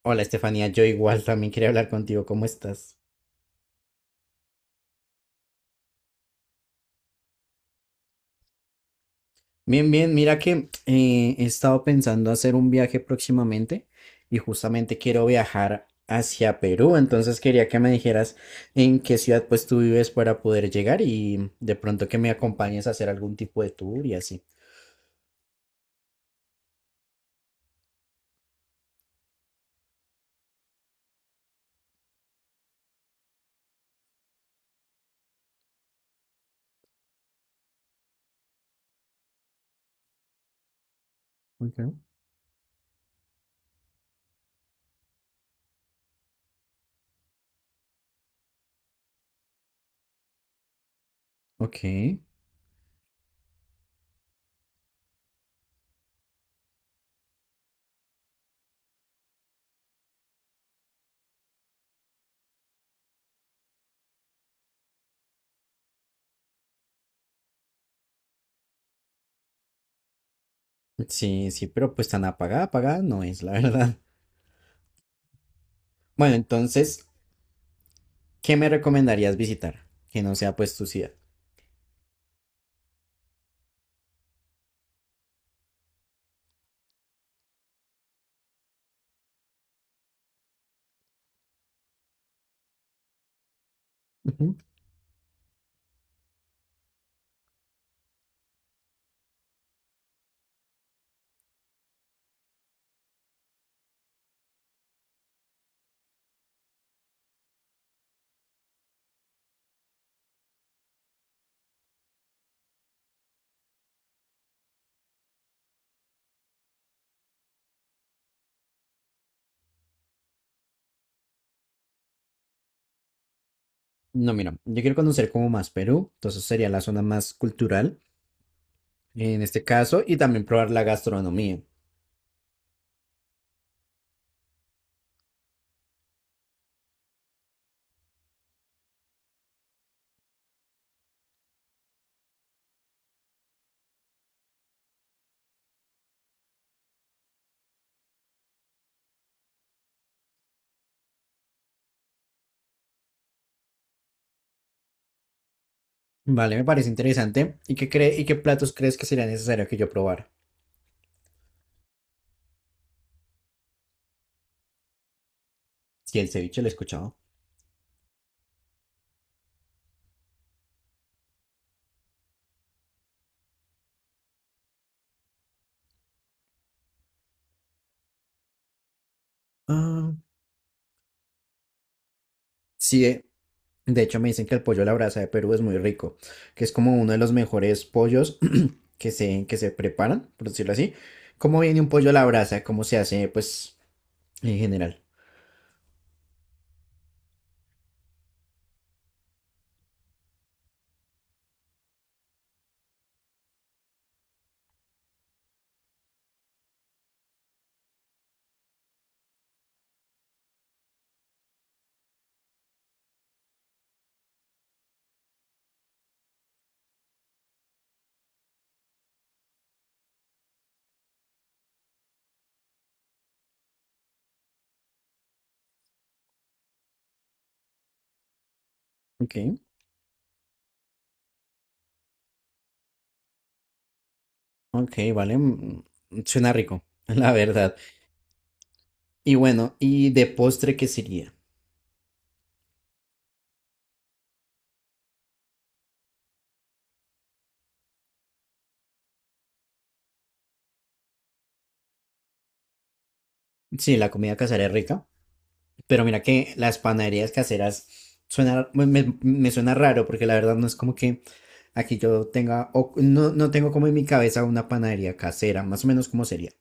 Hola Estefanía, yo igual también quería hablar contigo. ¿Cómo estás? Bien, bien. Mira que he estado pensando hacer un viaje próximamente y justamente quiero viajar hacia Perú. Entonces quería que me dijeras en qué ciudad pues tú vives para poder llegar y de pronto que me acompañes a hacer algún tipo de tour y así. Ok. Ok, sí, sí, pero pues tan apagada, apagada no es, la verdad. Bueno, entonces, ¿qué me recomendarías visitar? Que no sea pues tu ciudad. Ujú. No, mira, yo quiero conocer como más Perú, entonces sería la zona más cultural en este caso y también probar la gastronomía. Vale, me parece interesante. ¿Y qué cree, y qué platos crees que sería necesario que yo probara? Si el ceviche lo he escuchado. Ah, sí, de hecho, me dicen que el pollo a la brasa de Perú es muy rico, que es como uno de los mejores pollos que se preparan, por decirlo así. ¿Cómo viene un pollo a la brasa? ¿Cómo se hace, pues, en general? Ok, ok, vale. Suena rico, la verdad. Y bueno, ¿y de postre qué sería? Sí, la comida casera es rica, pero mira que las panaderías caseras suena, me suena raro, porque la verdad no es como que aquí yo tenga, o no, no tengo como en mi cabeza una panadería casera, más o menos como sería.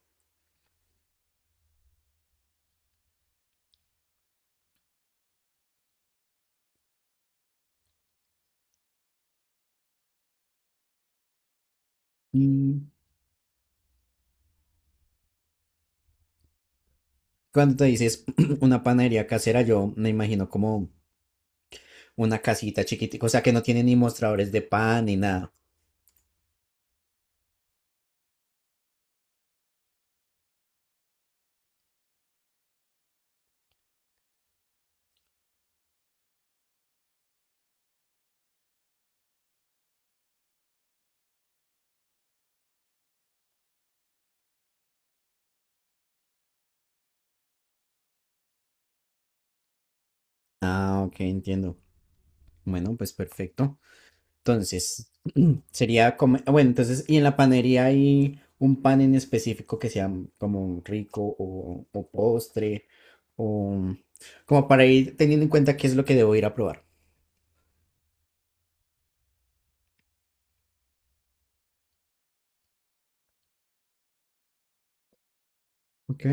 Mm, Cuando te dices una panadería casera, yo me imagino como una casita chiquitica, o sea que no tiene ni mostradores de pan ni nada. Ah, ok, entiendo. Bueno, pues perfecto. Entonces, sería como, ah, bueno, entonces, ¿y en la panadería hay un pan en específico que sea como rico o postre o como para ir teniendo en cuenta qué es lo que debo ir a probar? Ok.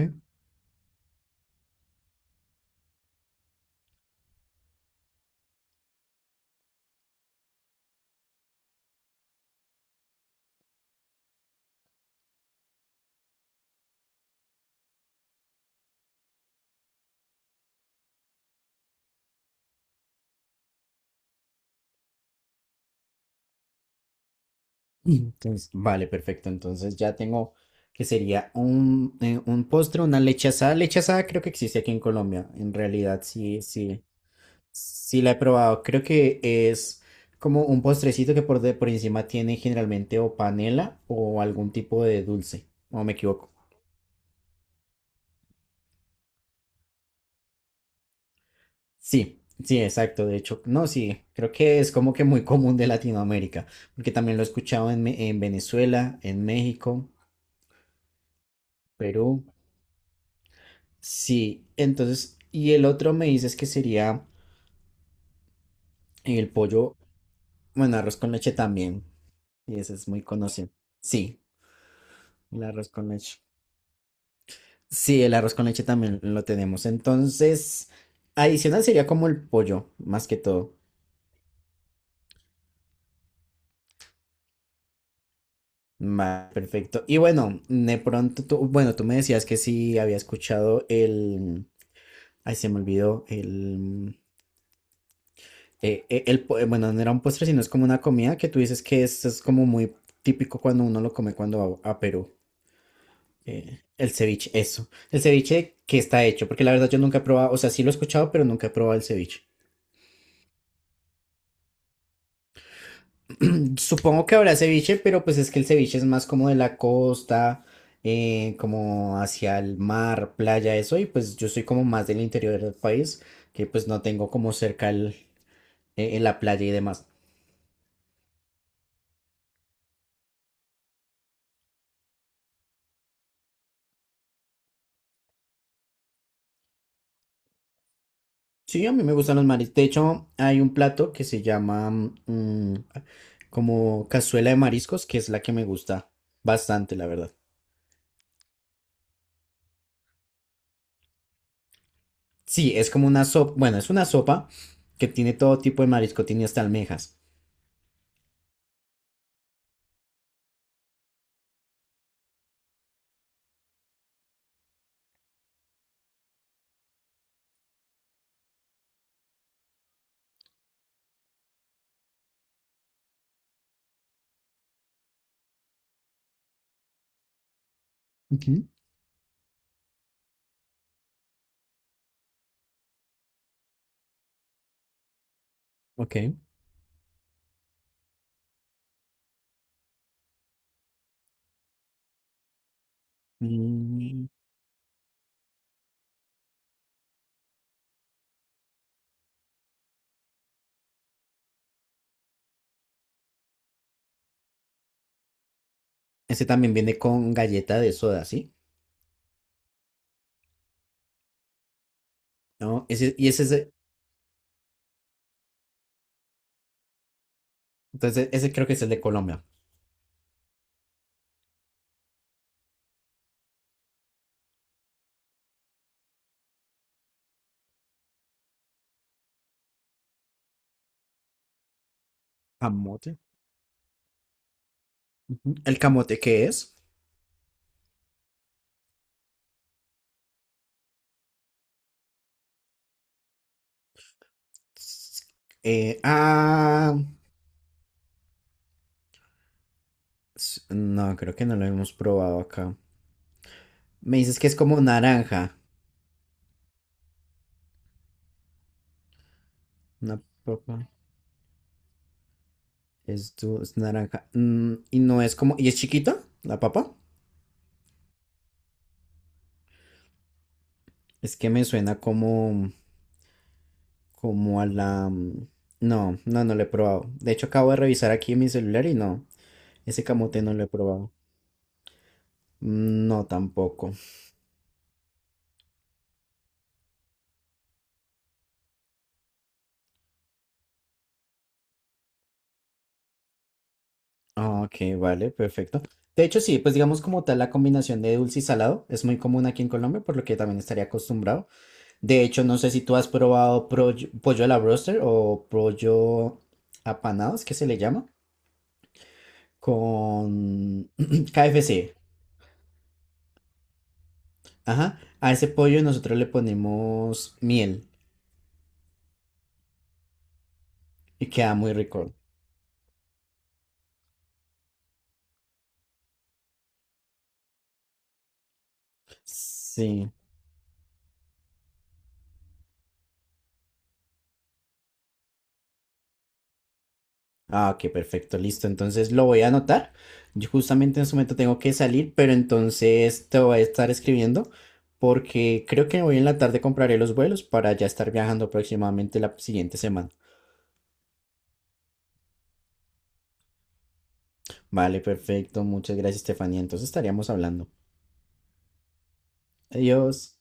Entonces, vale, perfecto. Entonces ya tengo que sería un postre, una leche asada. Leche asada creo que existe aquí en Colombia. En realidad, sí, sí, sí la he probado. Creo que es como un postrecito que por encima tiene generalmente o panela o algún tipo de dulce. ¿O me equivoco? Sí, sí, exacto. De hecho, no, sí, creo que es como que muy común de Latinoamérica, porque también lo he escuchado en, en Venezuela, en México, Perú. Sí, entonces, y el otro me dices que sería el pollo, bueno, arroz con leche también. Y ese es muy conocido. Sí, el arroz con leche. Sí, el arroz con leche también lo tenemos. Entonces, adicional sería como el pollo, más que todo. Perfecto. Y bueno, de pronto tú, bueno, tú me decías que sí había escuchado el, ay, se me olvidó, el, bueno, no era un postre, sino es como una comida que tú dices que es como muy típico cuando uno lo come cuando va a Perú. El ceviche, eso. El ceviche que está hecho, porque la verdad yo nunca he probado, o sea, sí lo he escuchado, pero nunca he probado el ceviche. Supongo que habrá ceviche, pero pues es que el ceviche es más como de la costa, como hacia el mar, playa, eso, y pues yo soy como más del interior del país, que pues no tengo como cerca el, la playa y demás. Sí, a mí me gustan los mariscos. De hecho, hay un plato que se llama mm, como cazuela de mariscos, que es la que me gusta bastante, la verdad. Sí, es como una sopa, bueno, es una sopa que tiene todo tipo de marisco, tiene hasta almejas. Ujú, Ok. Mm, ese también viene con galleta de soda, ¿sí? ¿No? Ese, y ese es, entonces, ese creo que es el de Colombia. Camote. Ujú. ¿El camote qué es? S- Eh, ah, no, creo que no lo hemos probado acá. Me dices que es como naranja. Una papa es, es naranja. Mm, y no es como. ¿Y es chiquita la papa? Es que me suena como. Como a la. No, no, no lo he probado. De hecho, acabo de revisar aquí en mi celular y no. Ese camote no lo he probado. Mm, No, tampoco. Ah, Ok, vale, perfecto. De hecho, sí, pues digamos como tal la combinación de dulce y salado es muy común aquí en Colombia, por lo que también estaría acostumbrado. De hecho, no sé si tú has probado pollo a la broster o pollo apanados, que se le llama, con KFC. Ajá, a ese pollo nosotros le ponemos miel y queda muy rico. Sí. Ah, ok, perfecto, listo. Entonces lo voy a anotar. Yo justamente en su momento tengo que salir, pero entonces te voy a estar escribiendo porque creo que hoy en la tarde compraré los vuelos para ya estar viajando aproximadamente la siguiente semana. Vale, perfecto. Muchas gracias, Estefanía. Entonces estaríamos hablando. Adiós.